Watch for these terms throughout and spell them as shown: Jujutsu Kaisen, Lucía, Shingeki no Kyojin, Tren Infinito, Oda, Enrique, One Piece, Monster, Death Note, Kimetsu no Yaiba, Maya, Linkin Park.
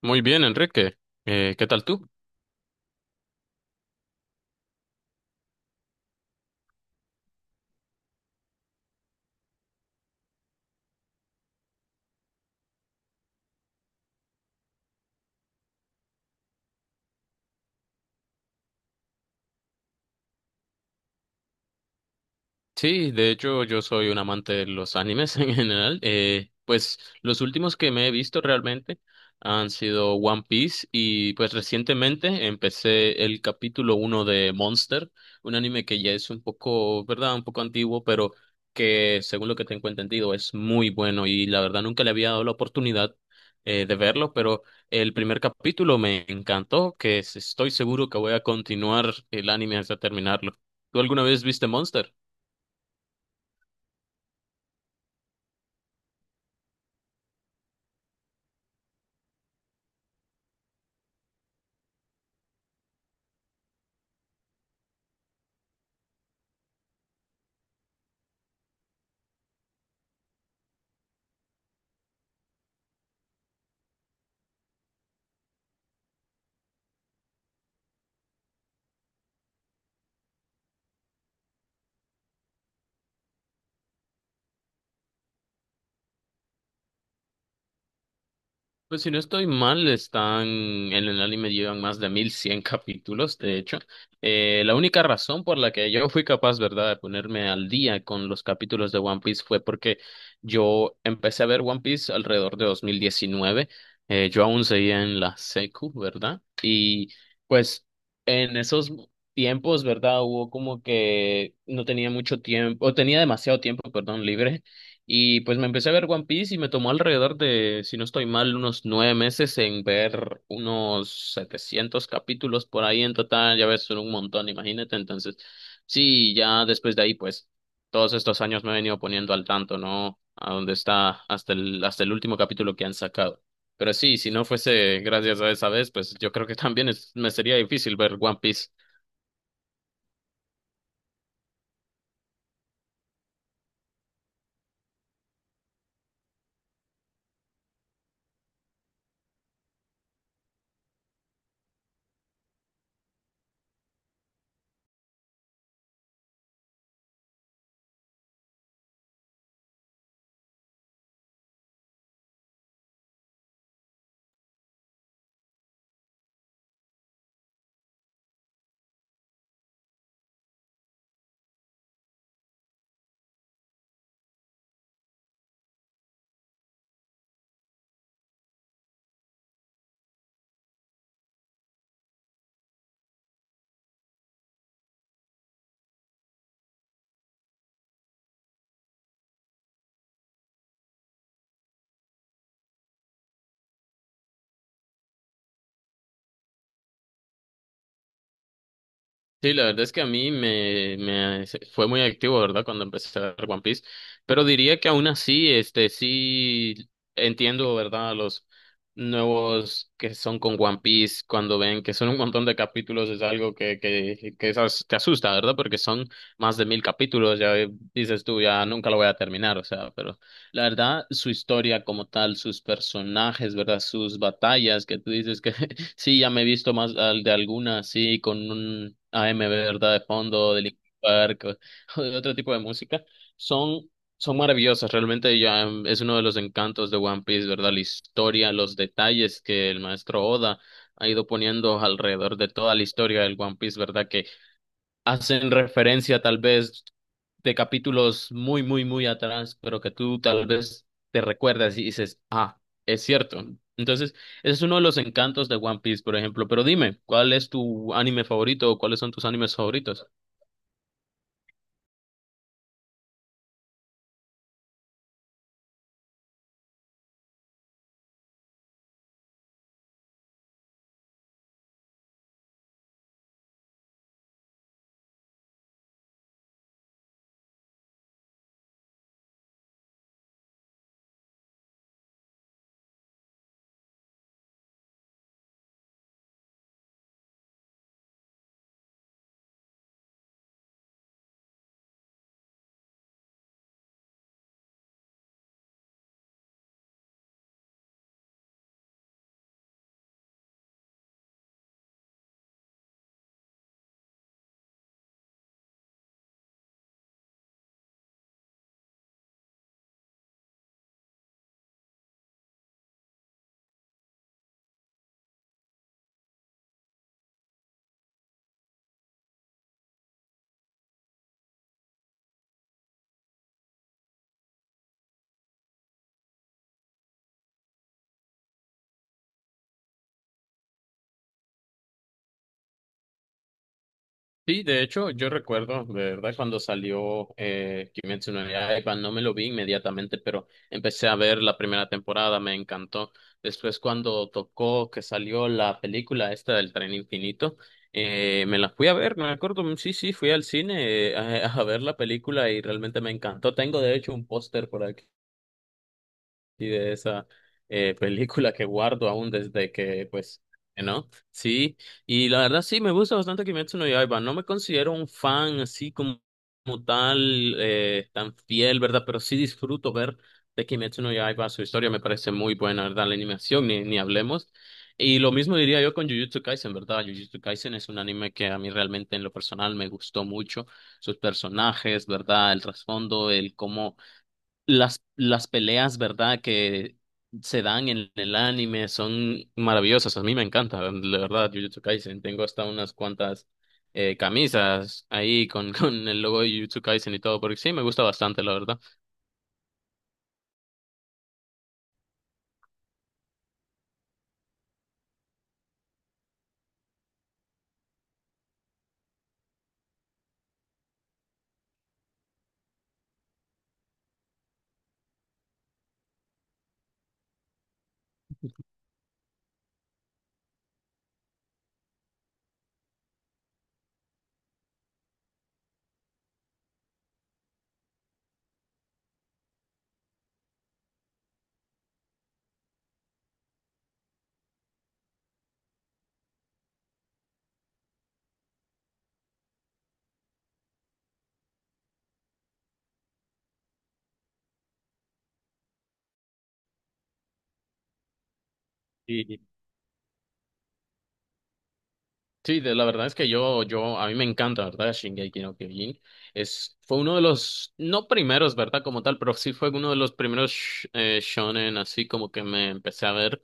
Muy bien, Enrique. ¿Qué tal tú? Sí, de hecho yo soy un amante de los animes en general. Pues los últimos que me he visto realmente han sido One Piece, y pues recientemente empecé el capítulo uno de Monster, un anime que ya es un poco, ¿verdad? Un poco antiguo, pero que según lo que tengo entendido es muy bueno y la verdad nunca le había dado la oportunidad de verlo, pero el primer capítulo me encantó, estoy seguro que voy a continuar el anime hasta terminarlo. ¿Tú alguna vez viste Monster? Pues si no estoy mal, están en el anime, llevan más de 1.100 capítulos, de hecho. La única razón por la que yo fui capaz, ¿verdad?, de ponerme al día con los capítulos de One Piece fue porque yo empecé a ver One Piece alrededor de 2019. Yo aún seguía en la secu, ¿verdad? Y pues en esos tiempos, ¿verdad?, hubo como que no tenía mucho tiempo, o tenía demasiado tiempo, perdón, libre, y pues me empecé a ver One Piece y me tomó alrededor de, si no estoy mal, unos 9 meses en ver unos 700 capítulos por ahí en total. Ya ves, son un montón, imagínate. Entonces, sí, ya después de ahí, pues todos estos años me he venido poniendo al tanto, ¿no? A dónde está hasta hasta el último capítulo que han sacado. Pero sí, si no fuese gracias a esa vez, pues yo creo que también me sería difícil ver One Piece. Sí, la verdad es que a mí me fue muy activo, ¿verdad? Cuando empecé a ver One Piece. Pero diría que aún así, este, sí entiendo, ¿verdad? A los nuevos que son con One Piece, cuando ven que son un montón de capítulos, es algo que te asusta, ¿verdad? Porque son más de 1.000 capítulos, ya dices tú, ya nunca lo voy a terminar, o sea, pero la verdad, su historia como tal, sus personajes, ¿verdad? Sus batallas, que tú dices que sí, ya me he visto más al de alguna, sí, con un A AM, ¿verdad? De fondo, de Linkin Park, o de otro tipo de música. Son, son maravillosas, realmente ya es uno de los encantos de One Piece, ¿verdad? La historia, los detalles que el maestro Oda ha ido poniendo alrededor de toda la historia del One Piece, ¿verdad?, hacen referencia tal vez de capítulos muy, muy, muy atrás, pero que tú tal vez te recuerdas y dices, ah, es cierto. Entonces, ese es uno de los encantos de One Piece, por ejemplo. Pero dime, ¿cuál es tu anime favorito o cuáles son tus animes favoritos? Sí, de hecho, yo recuerdo, de verdad, cuando salió Kimetsu no Yaiba, no me lo vi inmediatamente, pero empecé a ver la primera temporada, me encantó. Después, cuando tocó que salió la película esta del Tren Infinito, me la fui a ver, me acuerdo, mm, sí, sí, fui al cine a ver la película y realmente me encantó. Tengo, de hecho, un póster por aquí y de esa película que guardo aún desde que, pues, ¿no? Sí, y la verdad sí, me gusta bastante Kimetsu no Yaiba. No me considero un fan así como, como tal, tan fiel, ¿verdad? Pero sí disfruto ver de Kimetsu no Yaiba. Su historia me parece muy buena, ¿verdad? La animación, ni hablemos. Y lo mismo diría yo con Jujutsu Kaisen, ¿verdad? Jujutsu Kaisen es un anime que a mí realmente en lo personal me gustó mucho. Sus personajes, ¿verdad? El trasfondo, el cómo las peleas, ¿verdad?, que se dan en el anime son maravillosas. A mí me encanta, la verdad, Jujutsu Kaisen. Tengo hasta unas cuantas camisas ahí con, con el logo de Jujutsu Kaisen y todo, porque sí, me gusta bastante, la verdad. Sí, la verdad es que yo, a mí me encanta, ¿verdad? Shingeki no Kyojin. Es, fue uno de los, no primeros, ¿verdad? Como tal, pero sí fue uno de los primeros shonen, así como que me empecé a ver.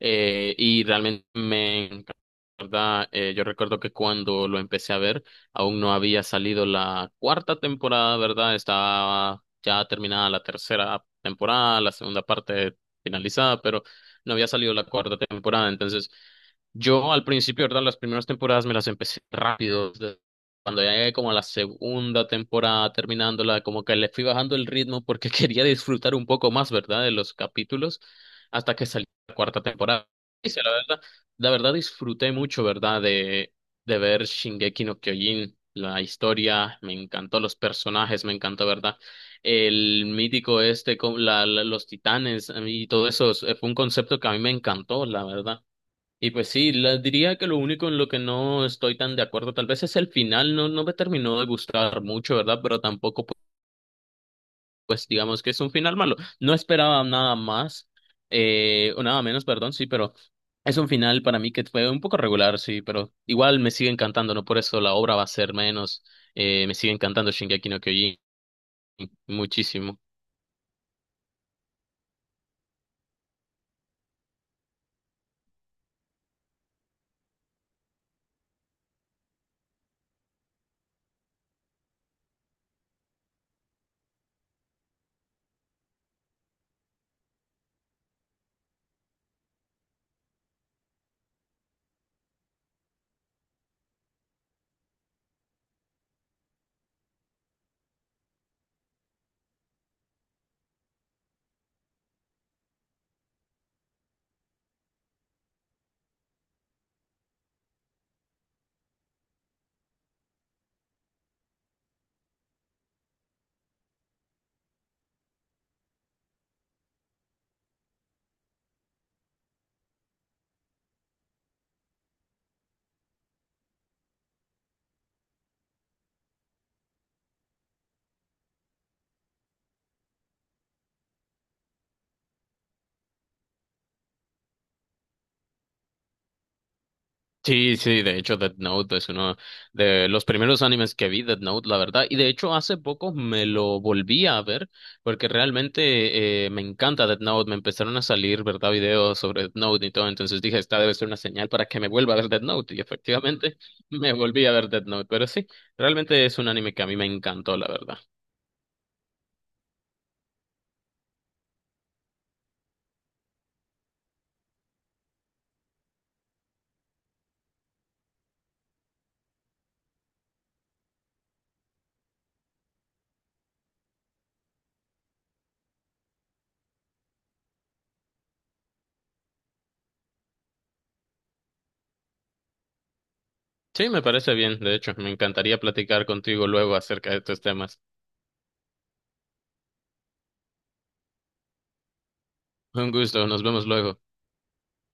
Y realmente me encanta, ¿verdad? Yo recuerdo que cuando lo empecé a ver, aún no había salido la cuarta temporada, ¿verdad? Estaba ya terminada la tercera temporada, la segunda parte finalizada, pero no había salido la cuarta temporada, entonces. Yo al principio, ¿verdad? Las primeras temporadas me las empecé rápido. Desde Cuando ya llegué como a la segunda temporada terminándola, como que le fui bajando el ritmo porque quería disfrutar un poco más, ¿verdad? De los capítulos hasta que salió la cuarta temporada. Y sí, la verdad, disfruté mucho, ¿verdad? De ver Shingeki no Kyojin. La historia, me encantó, los personajes, me encantó, ¿verdad? El mítico este, con los titanes a y todo eso, fue un concepto que a mí me encantó, la verdad. Y pues sí, diría que lo único en lo que no estoy tan de acuerdo tal vez es el final, no, no me terminó de gustar mucho, ¿verdad? Pero tampoco, pues digamos que es un final malo. No esperaba nada más, o nada menos, perdón, sí, pero es un final para mí que fue un poco regular, sí, pero igual me sigue encantando, ¿no? Por eso la obra va a ser menos, me sigue encantando Shingeki no Kyojin muchísimo. Sí, sí, de hecho Death Note es uno de los primeros animes que vi, Death Note, la verdad, y de hecho hace poco me lo volví a ver porque realmente me encanta Death Note, me empezaron a salir, ¿verdad?, videos sobre Death Note y todo, entonces dije, esta debe ser una señal para que me vuelva a ver Death Note, y efectivamente me volví a ver Death Note, pero sí, realmente es un anime que a mí me encantó, la verdad. Sí, me parece bien, de hecho, me encantaría platicar contigo luego acerca de estos temas. Un gusto, nos vemos luego.